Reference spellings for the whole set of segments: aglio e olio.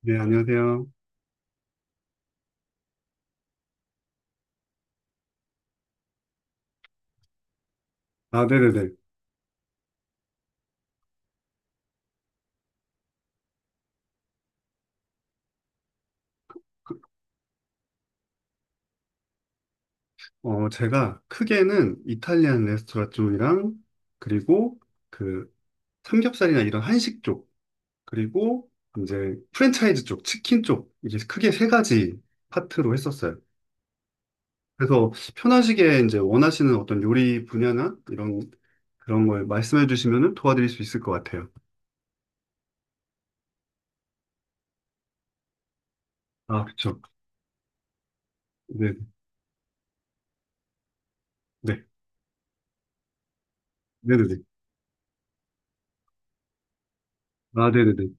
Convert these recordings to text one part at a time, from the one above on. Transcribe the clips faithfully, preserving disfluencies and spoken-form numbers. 네, 안녕하세요. 아, 네네네. 어, 제가 크게는 이탈리안 레스토랑 쪽이랑, 그리고 그 삼겹살이나 이런 한식 쪽, 그리고 이제 프랜차이즈 쪽, 치킨 쪽, 이게 크게 세 가지 파트로 했었어요. 그래서 편하시게 이제 원하시는 어떤 요리 분야나 이런, 그런 걸 말씀해 주시면 도와드릴 수 있을 것 같아요. 아, 그쵸. 네, 네. 네네네. 아, 네네네.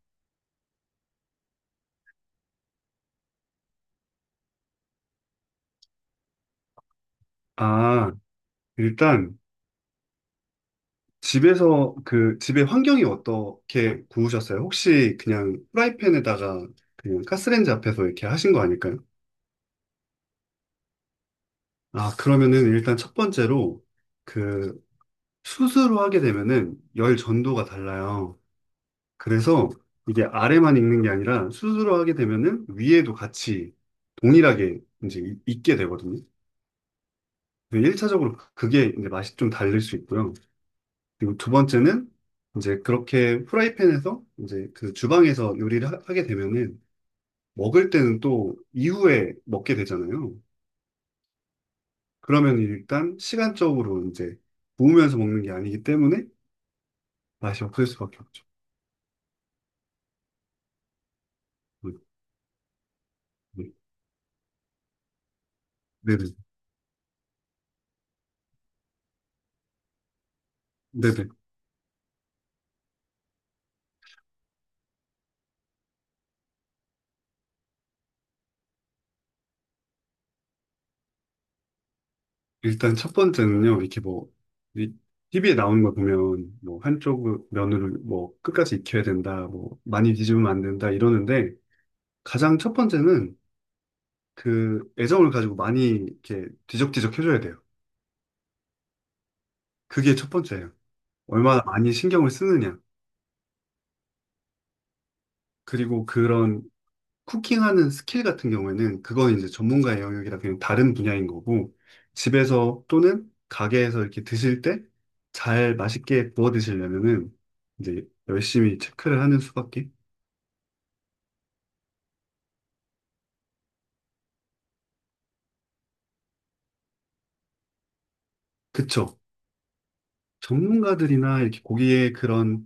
아, 일단, 집에서 그 집의 환경이 어떻게 구우셨어요? 혹시 그냥 프라이팬에다가 그냥 가스레인지 앞에서 이렇게 하신 거 아닐까요? 아, 그러면은 일단 첫 번째로 그 숯으로 하게 되면은 열 전도가 달라요. 그래서 이게 아래만 익는 게 아니라 숯으로 하게 되면은 위에도 같이 동일하게 이제 익- 익게 되거든요. 일 차적으로 그게 이제 맛이 좀 다를 수 있고요. 그리고 두 번째는 이제 그렇게 프라이팬에서 이제 그 주방에서 요리를 하, 게 되면은 먹을 때는 또 이후에 먹게 되잖아요. 그러면 일단 시간적으로 이제 구우면서 먹는 게 아니기 때문에 맛이 없을 수밖에 없죠. 음, 음. 네네. 네네. 일단 첫 번째는요, 이렇게 뭐, 이 티비에 나오는 거 보면 뭐 한쪽 면을 뭐 끝까지 익혀야 된다, 뭐 많이 뒤집으면 안 된다 이러는데 가장 첫 번째는 그 애정을 가지고 많이 이렇게 뒤적뒤적 해줘야 돼요. 그게 첫 번째예요. 얼마나 많이 신경을 쓰느냐. 그리고 그런 쿠킹하는 스킬 같은 경우에는 그건 이제 전문가의 영역이라 그냥 다른 분야인 거고 집에서 또는 가게에서 이렇게 드실 때 잘 맛있게 구워 드시려면은 이제 열심히 체크를 하는 수밖에. 그쵸. 전문가들이나 이렇게 고기의 그런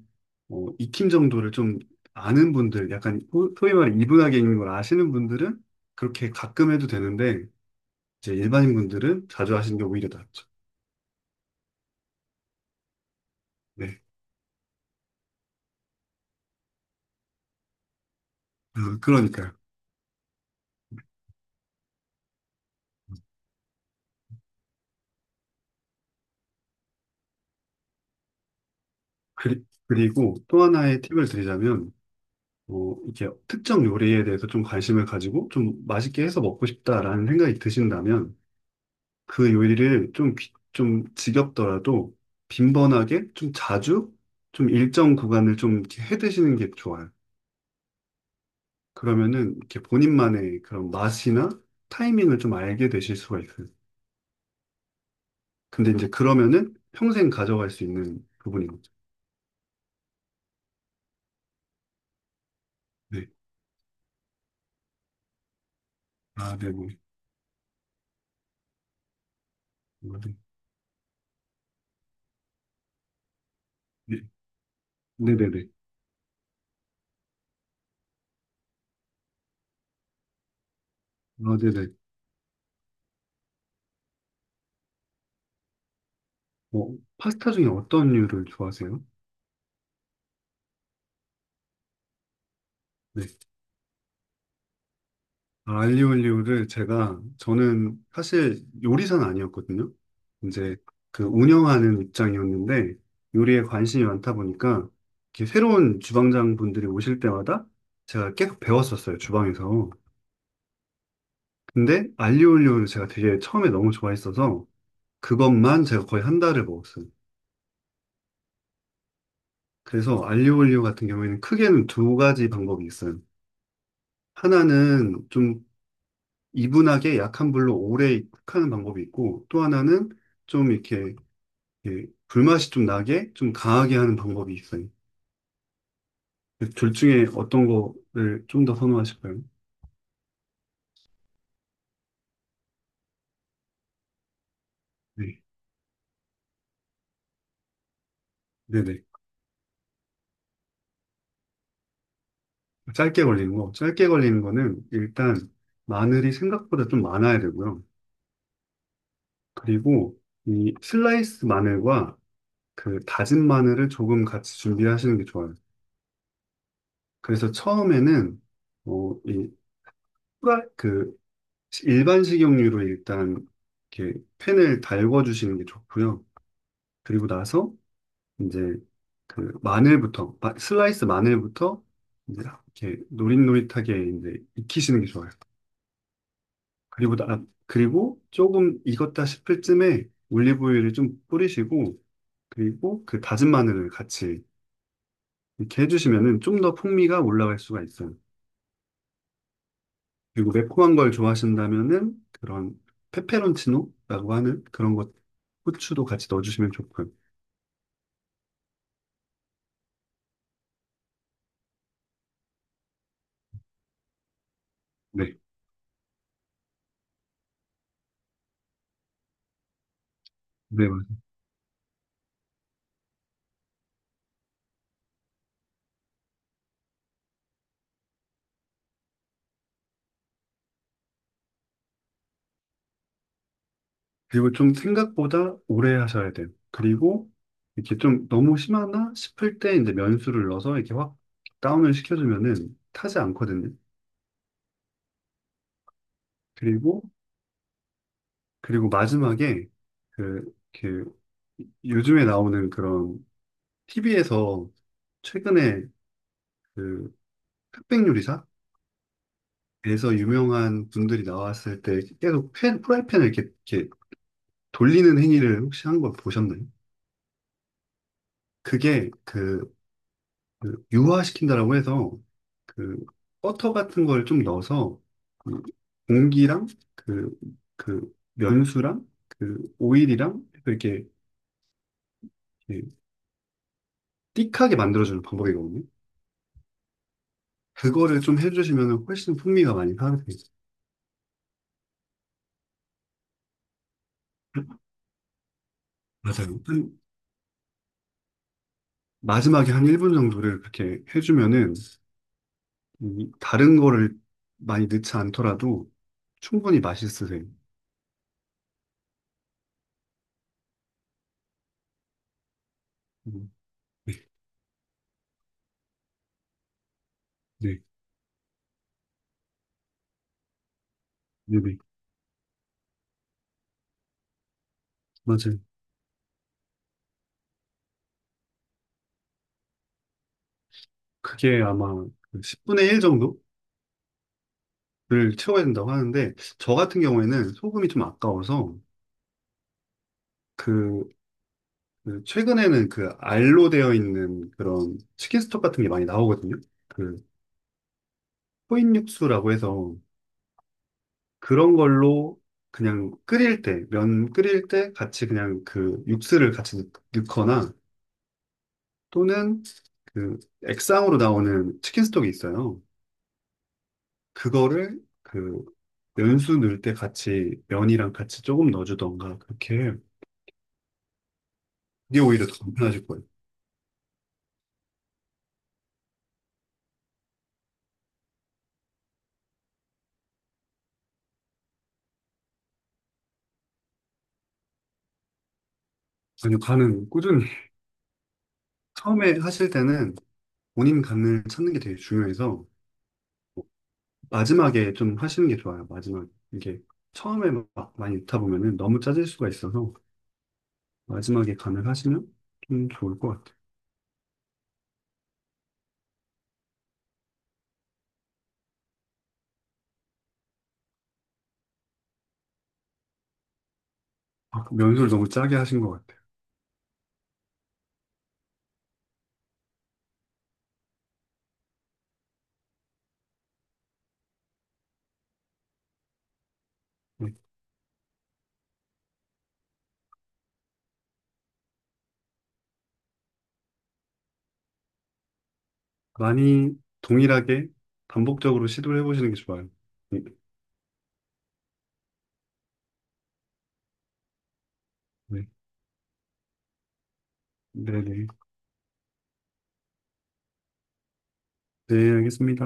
어, 익힘 정도를 좀 아는 분들, 약간 소- 소위 말해 이분하게 익는 걸 아시는 분들은 그렇게 가끔 해도 되는데 이제 일반인 분들은 자주 하시는 게 오히려 낫죠. 네, 어, 그러니까요. 그리, 그리고 또 하나의 팁을 드리자면 어, 이렇게 특정 요리에 대해서 좀 관심을 가지고 좀 맛있게 해서 먹고 싶다라는 생각이 드신다면 그 요리를 좀, 귀- 좀 지겹더라도 빈번하게 좀 자주 좀 일정 구간을 좀 이렇게 해 드시는 게 좋아요. 그러면은 이렇게 본인만의 그런 맛이나 타이밍을 좀 알게 되실 수가 있어요. 근데 이제 그러면은 평생 가져갈 수 있는 부분인 거죠. 네. 아, 네네. 네. 네네네. 아, 네네. 어, 파스타 중에 어떤 류를 좋아하세요? 네. 아, 알리올리오를 제가 저는 사실 요리사는 아니었거든요. 이제 그 운영하는 입장이었는데 요리에 관심이 많다 보니까 이렇게 새로운 주방장 분들이 오실 때마다 제가 계속 배웠었어요, 주방에서. 근데 알리올리오를 제가 되게 처음에 너무 좋아했어서 그것만 제가 거의 한 달을 먹었어요. 그래서 알리올리오 같은 경우에는 크게는 두 가지 방법이 있어요. 하나는 좀 이분하게 약한 불로 오래 익하는 방법이 있고 또 하나는 좀 이렇게 예, 불맛이 좀 나게 좀 강하게 하는 방법이 있어요. 둘 중에 어떤 거를 좀 더 선호하실까요? 네, 네네. 짧게 걸리는 거. 짧게 걸리는 거는 일단 마늘이 생각보다 좀 많아야 되고요. 그리고 이 슬라이스 마늘과 그 다진 마늘을 조금 같이 준비하시는 게 좋아요. 그래서 처음에는 어, 이 후라 그 일반 식용유로 일단 이렇게 팬을 달궈 주시는 게 좋고요. 그리고 나서 이제 그 마늘부터 마- 슬라이스 마늘부터 이제 이렇게 노릇노릇하게 이제 익히시는 게 좋아요. 그리고 나, 그리고 조금 익었다 싶을 쯤에 올리브유를 좀 뿌리시고 그리고 그 다진 마늘을 같이 이렇게 해주시면은 좀 더 풍미가 올라갈 수가 있어요. 그리고 매콤한 걸 좋아하신다면은 그런 페페론치노라고 하는 그런 것 후추도 같이 넣어주시면 좋고요. 네, 네, 그리고 좀 생각보다 오래 하셔야 돼요. 그리고 이렇게 좀 너무 심하나 싶을 때 이제 면수를 넣어서 이렇게 확 다운을 시켜주면은 타지 않거든요. 그리고, 그리고 마지막에 그, 그, 요즘에 나오는 그런 티비에서 최근에 그 흑백요리사에서 유명한 분들이 나왔을 때 계속 팬, 프라이팬을 이렇게, 이렇게 돌리는 행위를 혹시 한 걸 보셨나요? 그게 그 그 유화시킨다라고 해서 그 버터 같은 걸 좀 넣어서 그 공기랑 그, 그 면수랑 그 오일이랑 이렇게, 이렇게 띡하게 만들어주는 방법이거든요. 그거를 좀 해주시면 훨씬 풍미가 많이 살아나요. 맞아요. 한, 마지막에 한 일 분 정도를 그렇게 해주면은 이 다른 거를 많이 넣지 않더라도 충분히 맛있으세요. 음, 네, 네, 네, 네. 맞아요. 그게 아마 그 십 분의 일 정도? 를 채워야 된다고 하는데 저 같은 경우에는 소금이 좀 아까워서 그, 그 최근에는 그 알로 되어 있는 그런 치킨 스톡 같은 게 많이 나오거든요. 그 코인 육수라고 해서 그런 걸로 그냥 끓일 때, 면 끓일 때 같이 그냥 그 육수를 같이 넣- 넣거나 또는 그 액상으로 나오는 치킨 스톡이 있어요. 그거를 그 면수 넣을 때 같이 면이랑 같이 조금 넣어주던가 그렇게 해요. 그게 오히려 더 간편하실 거예요. 아니요, 가능. 꾸준히. 처음에 하실 때는 본인 감을 찾는 게 되게 중요해서 마지막에 좀 하시는 게 좋아요. 마지막에. 이게 처음에 막 많이 읽다 보면은 너무 짜질 수가 있어서 마지막에 감을 하시면 좀 좋을 것 같아요. 아, 연습을 너무 짜게 하신 것 같아요. 네. 많이 동일하게 반복적으로 시도를 해보시는 게 좋아요. 네, 네, 네. 네, 네, 알겠습니다.